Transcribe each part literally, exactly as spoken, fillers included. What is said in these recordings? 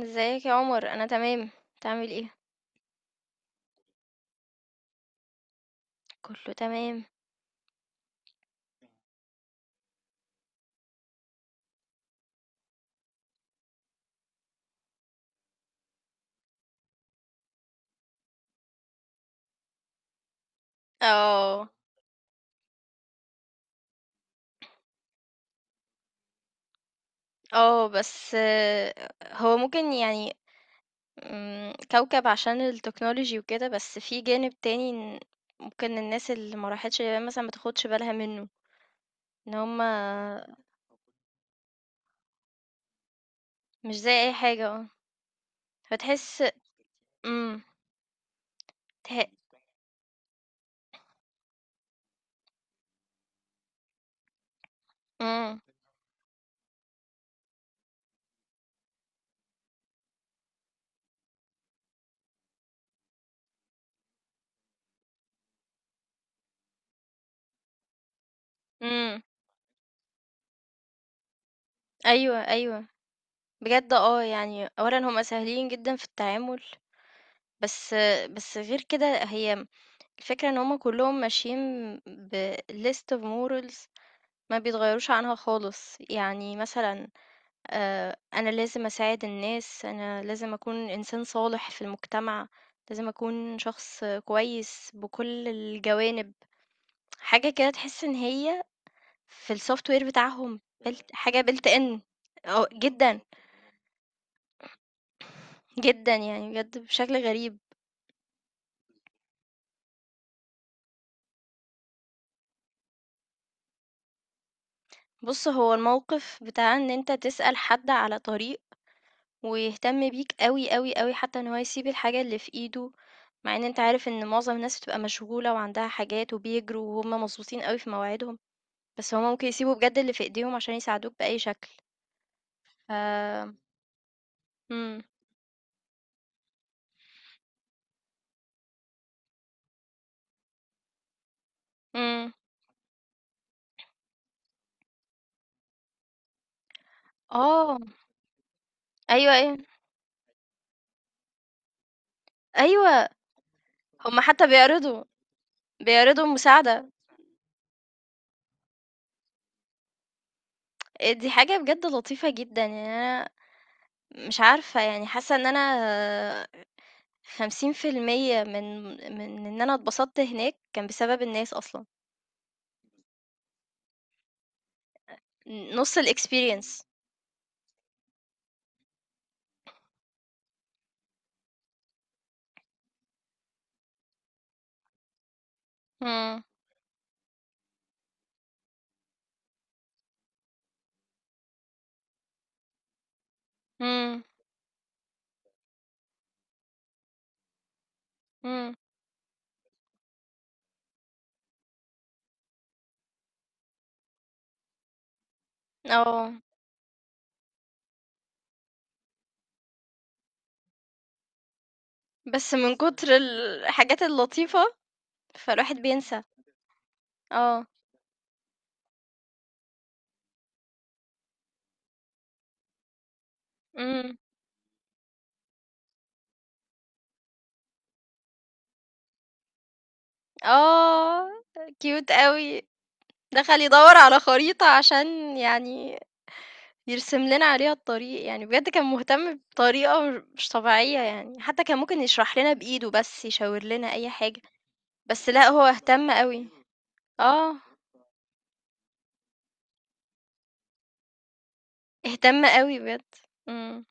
ازيك يا عمر انا تمام. تعمل ايه؟ كله تمام. اه، اه بس آه، هو ممكن يعني مم، كوكب عشان التكنولوجي وكده، بس في جانب تاني إن ممكن الناس اللي ما راحتش اليابان مثلا ما تاخدش بالها منه. ان هما مش زي اي حاجة، اه فتحس. امم تح... امم امم. ايوه ايوه بجد اه يعني اولا هما سهلين جدا في التعامل. بس بس غير كده، هي الفكرة إن هُم كلّهم ماشيين بlist of morals، ما بيتغيّروش عنها خالص. يعني مثلًا آآ، أنا لازم أساعد الناس، أنا لازم أكون إنسان صالح في المجتمع، لازم أكون شخص كويس بكل الجوانب. حاجة كده تحس إن هي في الsoftware بتاعهم built حاجة built in. آه، جدًا، جدًا، يعني بجد بشكل غريب. بُص، هو الموقف بتاع إن أنت تسأل حد على طريق ويهتم بيك أوي، أوي، أوي، حتى إن هو يسيب الحاجة اللي في إيده، مع إن أنت عارف إن معظم الناس بتبقى مشغولة وعندها حاجات وبيجروا وهُم مضغوطين أوي في مواعيدهم، بس هُم ممكن يسيبوا بجد اللي في إيديهم عشان يساعدوك بأي شكل. ف إمم، إمم، آه، أيوه، أيوه، أيوه، هُم حتى بيعرضوا، بيعرضوا المساعدة. آآ، دي حاجة بجد لطيفة جدًا. يعني أنا مش عارفة، يعني حاسة إن أنا خمسين في المية من من إن أنا اتبسطت هناك كان بسبب الناس أصلًا. نُص الexperience. إمم، إمم، إمم. آه، بس من كتر الحاجات اللطيفة، فالواحد بينسى. آه، إمم. آه، cute أوي. دخل يدوّر على خريطة عشان يعني يرسم لنا عليها الطريق. يعني بجد كان مهتم بطريقة مش طبيعية يعني، حتى كان ممكن يشرح لنا بإيده بس، يشاور لنا أي حاجة، بس لأ، هو اهتم أوي. آه، اهتم أوي بجد. إمم.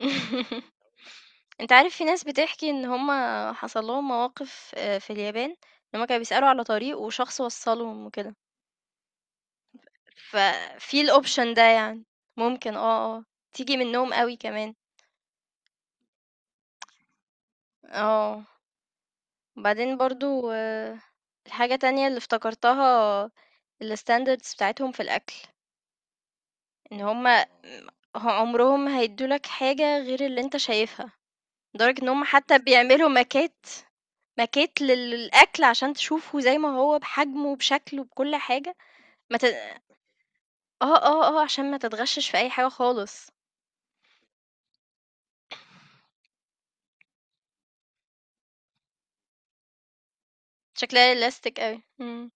أنت عارف في ناس بتحكي إن هُم حصل لهم مواقف آآ في اليابان، إن هُم كانوا بيسألوا على طريق وشخص وصّلهم وكده. ففي الoption ده يعني، ممكن آه، آه، تيجي منّهم أوي كمان. آه، وبعدين برضه الحاجة تانية اللي افتكرتها، الstandards بتاعتهم في الأكل، إن هُم م ه عمرهم ما هيدّوا لك حاجة غير اللي أنت شايفها، لدرجة إن هُم حتى بيعملوا ماكات ماكيت لل للأكل عشان تشوفه زي ما هو، بحجمه، بشكله، بكل حاجة. ما ت آه، آه، آه، عشان ما تتغشِّش في أي حاجة خالص. شكلها realistic أوي، إمم،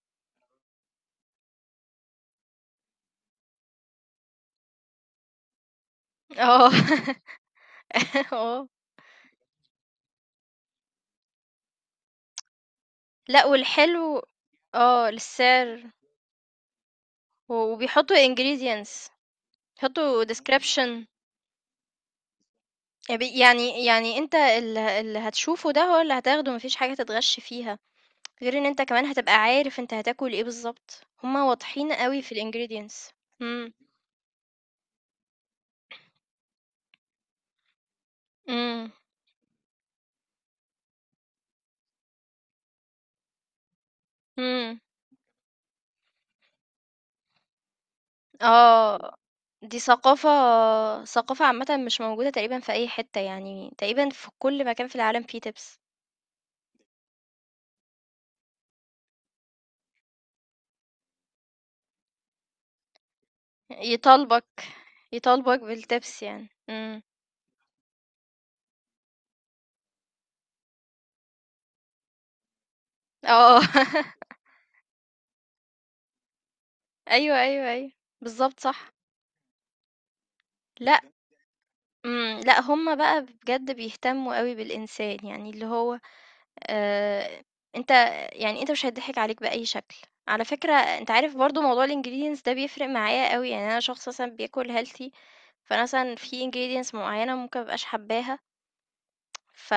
آه، آه، لأ والحلو آه، للسعر. و وبيحطّوا ingredients، بيحطّوا description. يب، يعني يعني أنت ال اللي هتشوفه ده هو اللي هتاخده، ما فيش حاجة تتغش فيها، غير إن أنت كمان هتبقى عارف أنت هتاكل إيه بالضبط، هُم واضحين أوي في الingredients. إمم، إمم، إمم. آه، دي ثقافة، ثقافة عامةً مش موجودة تقريبًا في أي حتة. يعني تقريبًا في كل مكان في العالم فيه تِبس، يطالبك يطالبك بالتِبس يعني. إمم، آه، أيوه، أيوه، أيوه، بالضبط صح، لأ، إمم، لأ، هُم بقى بجد بيهتموا أوي بالإنسان. يعني اللي هو آآ أنت، يعني أنت مش هيتضحك عليك بأي شكل. على فكرة أنت عارف برضه موضوع الingredients ده بيفرق معايا أوي. يعني أنا شخص مثلًا بياكل healthy، فأنا مثلًا في ingredients معيّنة ممكن ما ابقاش حاباها. ف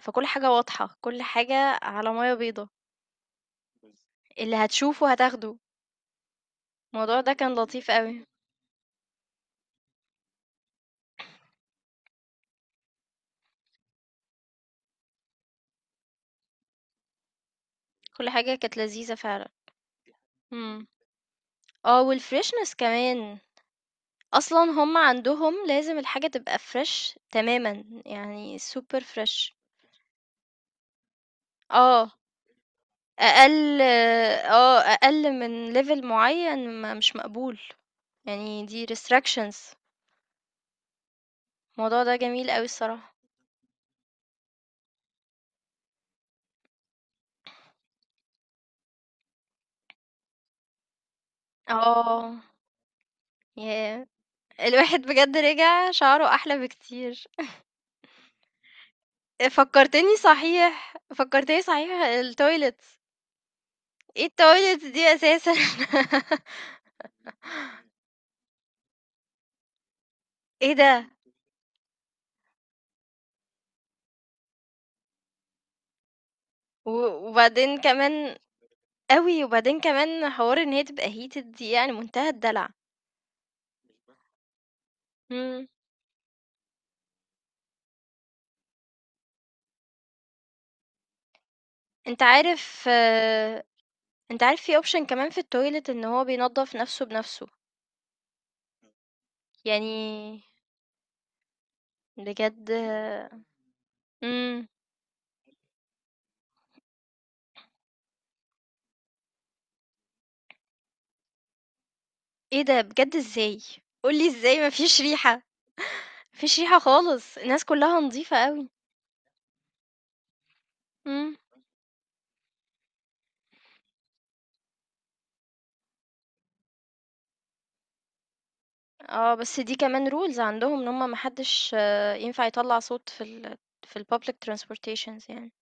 فكل حاجة واضحة، كل حاجة على مَيّة بيضا، اللي هتشوفه هتاخده. الموضوع ده كان لطيف أوي، كل حاجة كانت لذيذة فعلًا. إمم. آه، والfreshness كمان، أصلًا هم عندهم لازم الحاجة تبقى fresh تمامًا، يعني super fresh. آه. أقل آه، أقل من level معيّن ما مش مقبول، يعني دي restrictions. الموضوع ده جميل أوي الصراحة. آه، ياه! الواحد بجد رجع شعره أحلى بكتير. آآ، فكّرتني صحيح فكّرتني صحيح، الtoilets. إيه الtoilets دي أساسًا؟ إيه ده! و وبعدين كمان أوي، وبعدين كمان حوار إن هي تبقى heated دي، يعني منتهى الدلع. إمم، أنت عارف آه، أنت عارف في option كمان في الtoilet إن هو بينضّف نَفْسه بنَفْسه، يعني بجد. إمم. إيه ده بجد إزاي؟ قُل لي إزاي ما فيش ريحة، ما فيش ريحة خالص، الناس كُلّها نضيفة أوي. إمم. آه، بس دي كمان rules عندهم إن هم ما حدّش ينفع يطلّع صوت في ال في الpublic transportations يعني.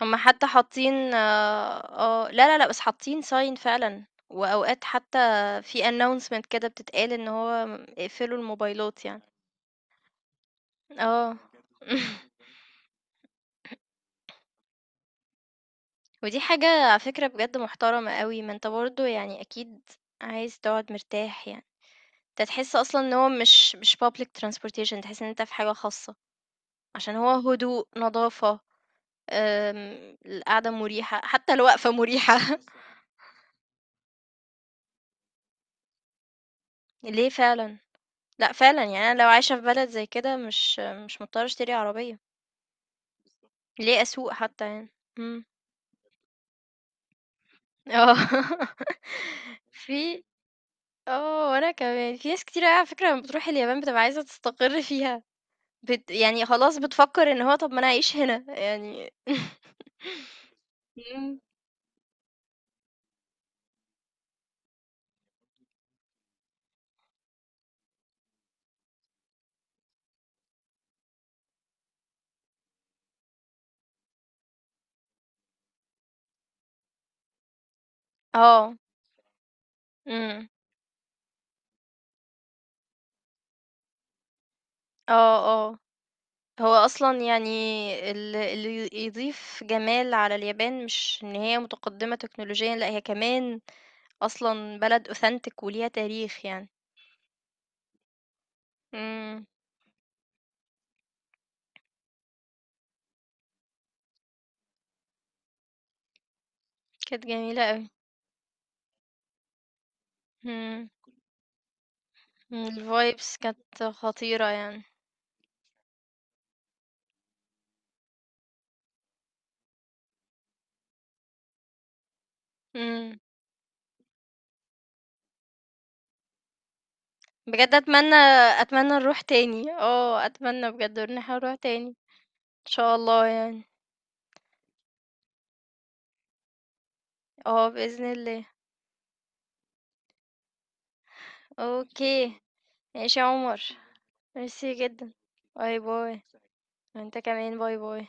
هم حتى حاطّين آه، آه، لا، لا، لأ، بس حاطّين sign فعلًا، وأوقات حتى في announcement كده بتتقال إن هو م اقفلوا الموبايلات يعني. آه. ودي حاجة على فكرة بجد محترمة أوي، ما أنت برضه يعني أكيد عايز تقعد مرتاح يعني. أنت تحس أصلًا إن هو مش مش public transportation، تحس إن أنت في حاجة خاصة، عشان هو هدوء، نضافة، آمم، القعدة مريحة، حتى الوقفة مريحة. ليه فعلًا، لأ فعلًا يعني أنا لو عايشة في بلد زي كده مش مش مضطرة أشتري عربية، ليه أسوق حتى يعني. إمم، آه، في آه، وأنا كمان. في ناس كتيرة أوي على فكرة لمّا بتروح اليابان بتبقى عايزة تستقر فيها، بت يعني خلاص بتفكّر إن هو طَب ما أنا أعيش هنا يعني. إمم. آه، إمم، آه، آه. هو أصلًا يعني ال اللي يضيف جمال على اليابان مش إن هي متقدّمة تكنولوجيًا، لأ هي كمان أصلًا بلد authentic وليها تاريخ يعني. إمم، كانت جميلة أوي. إمم، إمم، الvibes كانت خطيرة يعني. إمم. بجد أتمنى، أتمنى نروح تاني، آه، أتمنى بجد إن إحنا نروح تاني، إن شاء الله يعني، آه، بإذن الله، أوكي، ماشي يا عمر، ميرسي جدًا، باي باي، وأنت كمان باي باي.